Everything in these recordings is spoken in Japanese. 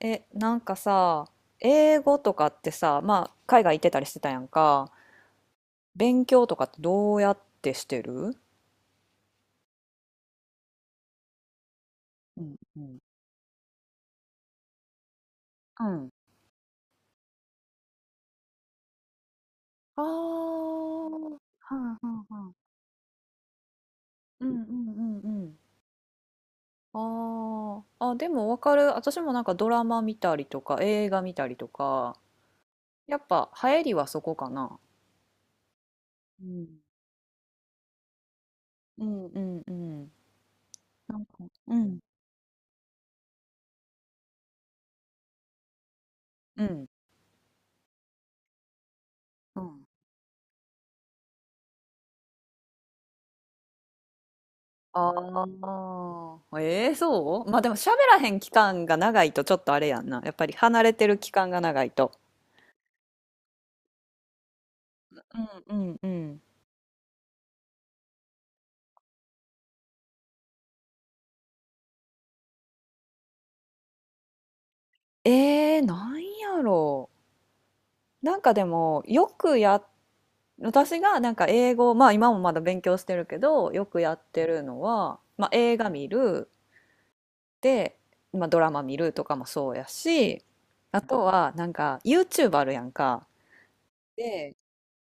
なんかさ、英語とかってさ、まあ、海外行ってたりしてたやんか、勉強とかってどうやってしてる？うんうん。うん。あーはんはんはん。うんうんうんうん。あーあ、でもわかる。私もなんかドラマ見たりとか、映画見たりとか、やっぱ流行りはそこかな。うん。うん。うんうんうんうん。なんか、うんうん、うん。ああ、ええ、そう、まあでも喋らへん期間が長いとちょっとあれやんな。やっぱり離れてる期間が長いと。うんうんうん。ええ、なんやろう。なんかでも、よくや、私がなんか英語、まあ今もまだ勉強してるけど、よくやってるのは、まあ映画見る、で、まあドラマ見るとかもそうやし、あとはなんか YouTube あるやんか。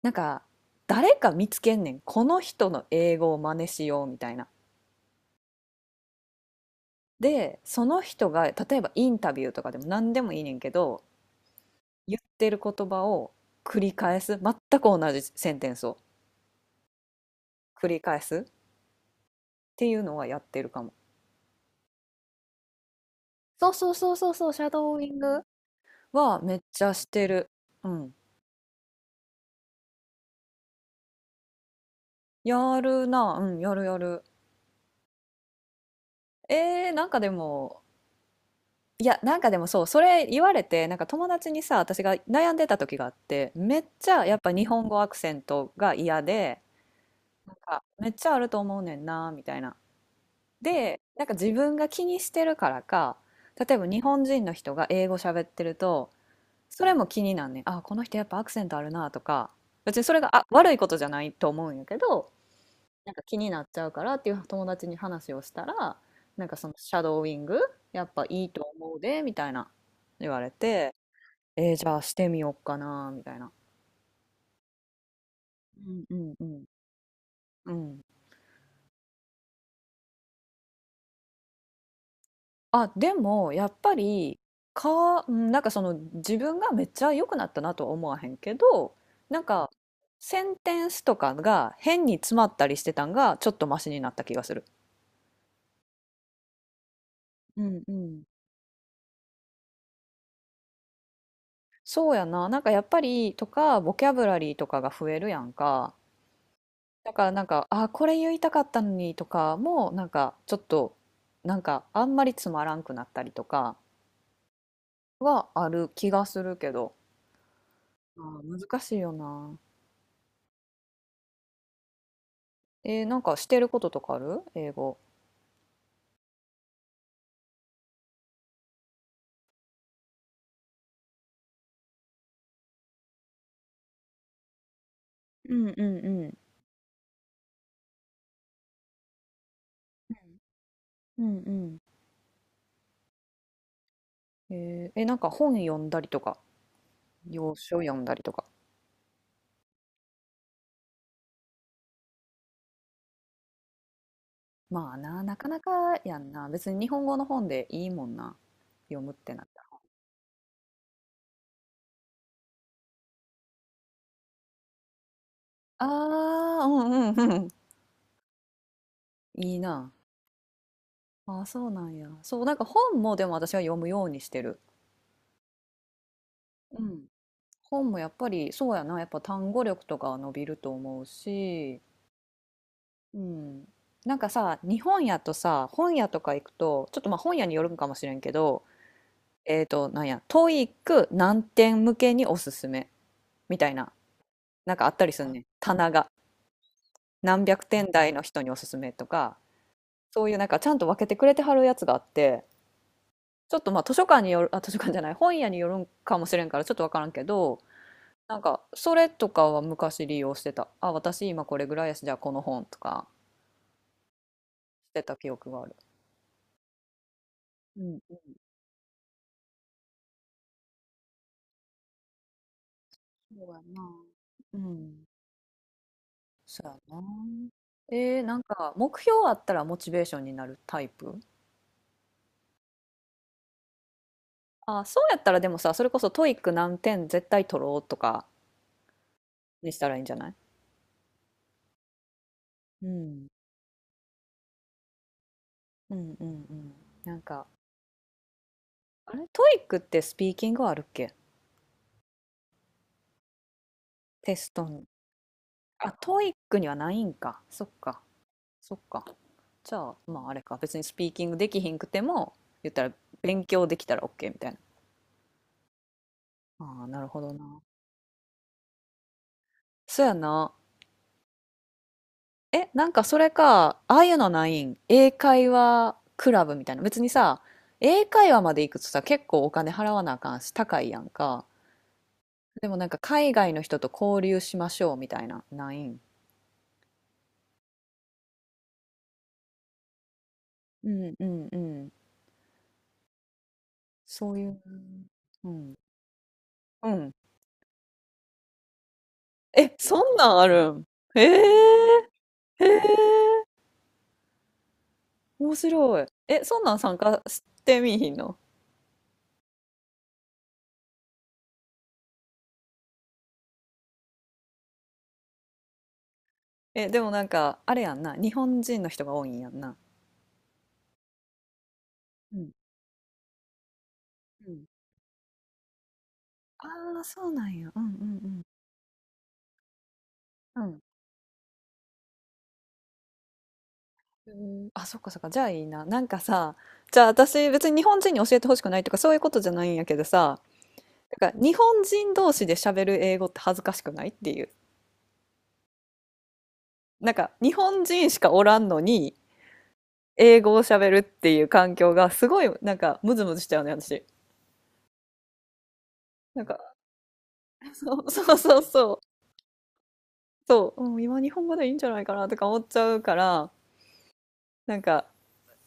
なんか誰か見つけんねん、この人の英語を真似しようみたいな。でその人が例えばインタビューとかでも何でもいいねんけど、言ってる言葉を繰り返す、全く同じセンテンスを繰り返すっていうのはやってるかも。そうそうそうそうそう、シャドーイングはめっちゃしてる。うん。やるな。うん、やるやる。なんかでも、いや、なんかでもそう、それ言われて、なんか友達にさ、私が悩んでた時があって、めっちゃやっぱ日本語アクセントが嫌で、なんかめっちゃあると思うねんな、みたいな。で、なんか自分が気にしてるからか、例えば日本人の人が英語喋ってると、それも気になんねん。あ、この人やっぱアクセントあるな、とか、別にそれが、あ、悪いことじゃないと思うんやけど、なんか気になっちゃうからっていう友達に話をしたら、なんかそのシャドーイング、やっぱいいと思うで、みたいな。言われて、じゃあしてみようかな、みたいな。うんうんうん。うん。あ、でもやっぱりか、うん、なんかその自分がめっちゃ良くなったなとは思わへんけど、なんかセンテンスとかが変に詰まったりしてたんがちょっとマシになった気がする。うんうん。そうやな、なんかやっぱりとかボキャブラリーとかが増えるやんか。だからなんか、あ、これ言いたかったのにとかもなんかちょっと、なんかあんまりつまらんくなったりとか。はある気がするけど。あー、難しいよな。なんかしてることとかある、英語？うんうんうん。うんうんうん。なんか本読んだりとか、洋書読んだりとか。まあな、なかなかやんな。別に日本語の本でいいもんな。読むってなったら。ああ、うんうんうん。いいな。ああ、そうなんや。そう、なんか本もでも私は読むようにしてる。うん。本もやっぱり、そうやな。やっぱ単語力とかは伸びると思うし、うん、なんかさ、日本屋とさ、本屋とか行くと、ちょっとまあ本屋によるんかもしれんけど、なんや、トイック何点向けにおすすめみたいな、なんかあったりすんねん。棚が。何百点台の人におすすめとか、そういうなんかちゃんと分けてくれてはるやつがあって、ちょっとまあ図書館による、あ、図書館じゃない、本屋によるんかもしれんからちょっとわからんけど、なんかそれとかは昔利用してた。あ、私今これぐらいやし、じゃあこの本とかしてた記憶がある。うん。そうやな。うん。そうやな。なんか目標あったらモチベーションになるタイプ？あ、そうやったらでもさ、それこそトイック何点絶対取ろうとかにしたらいいんじゃない？うん。うんうんうん。なんか、あれ、トイックってスピーキングはあるっけ、テストに？あ、トイックにはないんか。そっか。そっか。じゃあ、まああれか。別にスピーキングできひんくても、言ったら勉強できたら OK みたいな。ああ、なるほどな。そうやな。え、なんかそれか、ああいうのないん、英会話クラブみたいな。別にさ、英会話まで行くとさ、結構お金払わなあかんし、高いやんか。でもなんか海外の人と交流しましょうみたいな、ないん？うんうんうん。そういう。うん。うん。え、そんなんあるん？へえ。へええー、面白い。え、そんなん参加してみいひんの？え、でもなんか、あれやんな。日本人の人が多いんやんな。うん。うん。ああ、そうなんや。うんうんうん。うん。うん、あ、そっかそっか、じゃあいいな。なんかさ、じゃあ私別に日本人に教えてほしくないとかそういうことじゃないんやけどさ、なんか日本人同士で喋る英語って恥ずかしくないっていう。なんか日本人しかおらんのに英語を喋るっていう環境がすごいなんかムズムズしちゃうね、私。なんか、そうそうそうそう、そう、うん、今日本語でいいんじゃないかなとか思っちゃうから、なんか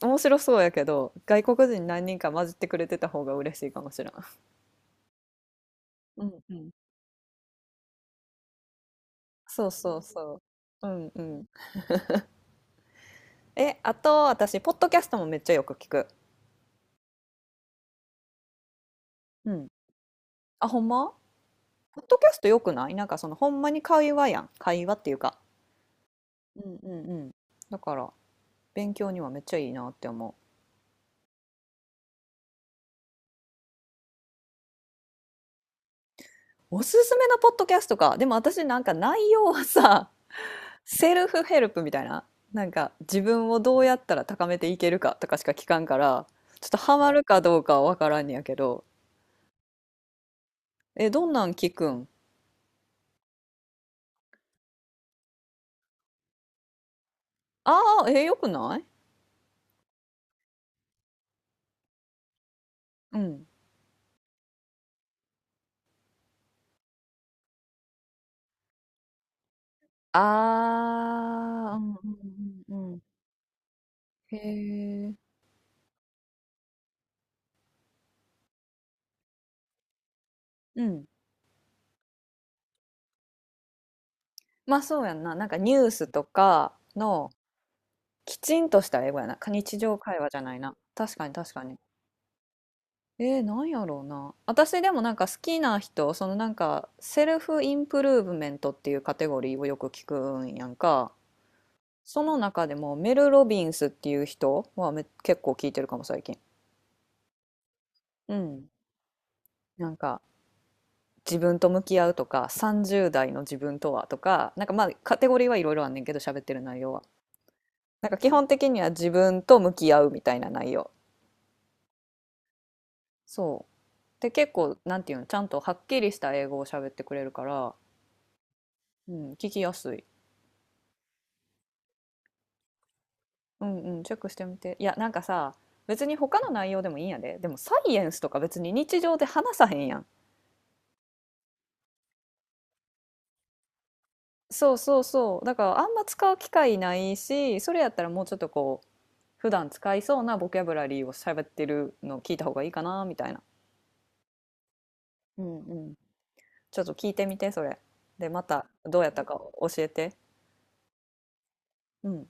面白そうやけど、外国人何人か混じってくれてた方が嬉しいかもしれん。うんうん、そうそうそう。うんうん。え、あと私、ポッドキャストもめっちゃよく聞く。うん。あ、ほんま？ポッドキャストよくない？なんかそのほんまに会話やん。会話っていうか。うんうんうん。だから勉強にはめっちゃいいなって思う。おすすめのポッドキャストか。でも私なんか内容はさ、セルフヘルプみたいな。なんか自分をどうやったら高めていけるかとかしか聞かんから、ちょっとハマるかどうかはわからんねやけど。え、どんなん聞くん？ああー、え、よくない？うん。ああ、うんうんうんうん。へえ。うん。ま、あ、そうやんな。なんかニュースとかのきちんとした英語やな。か日常会話じゃないな。確かに確かに。なんやろうな。私でもなんか好きな人、そのなんかセルフインプルーブメントっていうカテゴリーをよく聞くんやんか。その中でもメル・ロビンスっていう人は結構聞いてるかも最近。うん。なんか自分と向き合うとか30代の自分とは、とかなんかまあカテゴリーはいろいろあんねんけど、喋ってる内容はなんか基本的には自分と向き合うみたいな内容。そうで結構なんていうの、ちゃんとはっきりした英語を喋ってくれるから、うん、聞きやすい。うんうん、チェックしてみて。いや、なんかさ、別に他の内容でもいいんやで、でもサイエンスとか別に日常で話さへんやん。そうそうそう、だからあんま使う機会ないし、それやったらもうちょっとこう普段使いそうなボキャブラリーを喋ってるのを聞いた方がいいかなみたいな。うんうん。ちょっと聞いてみて、それ。で、またどうやったか教えて。うん。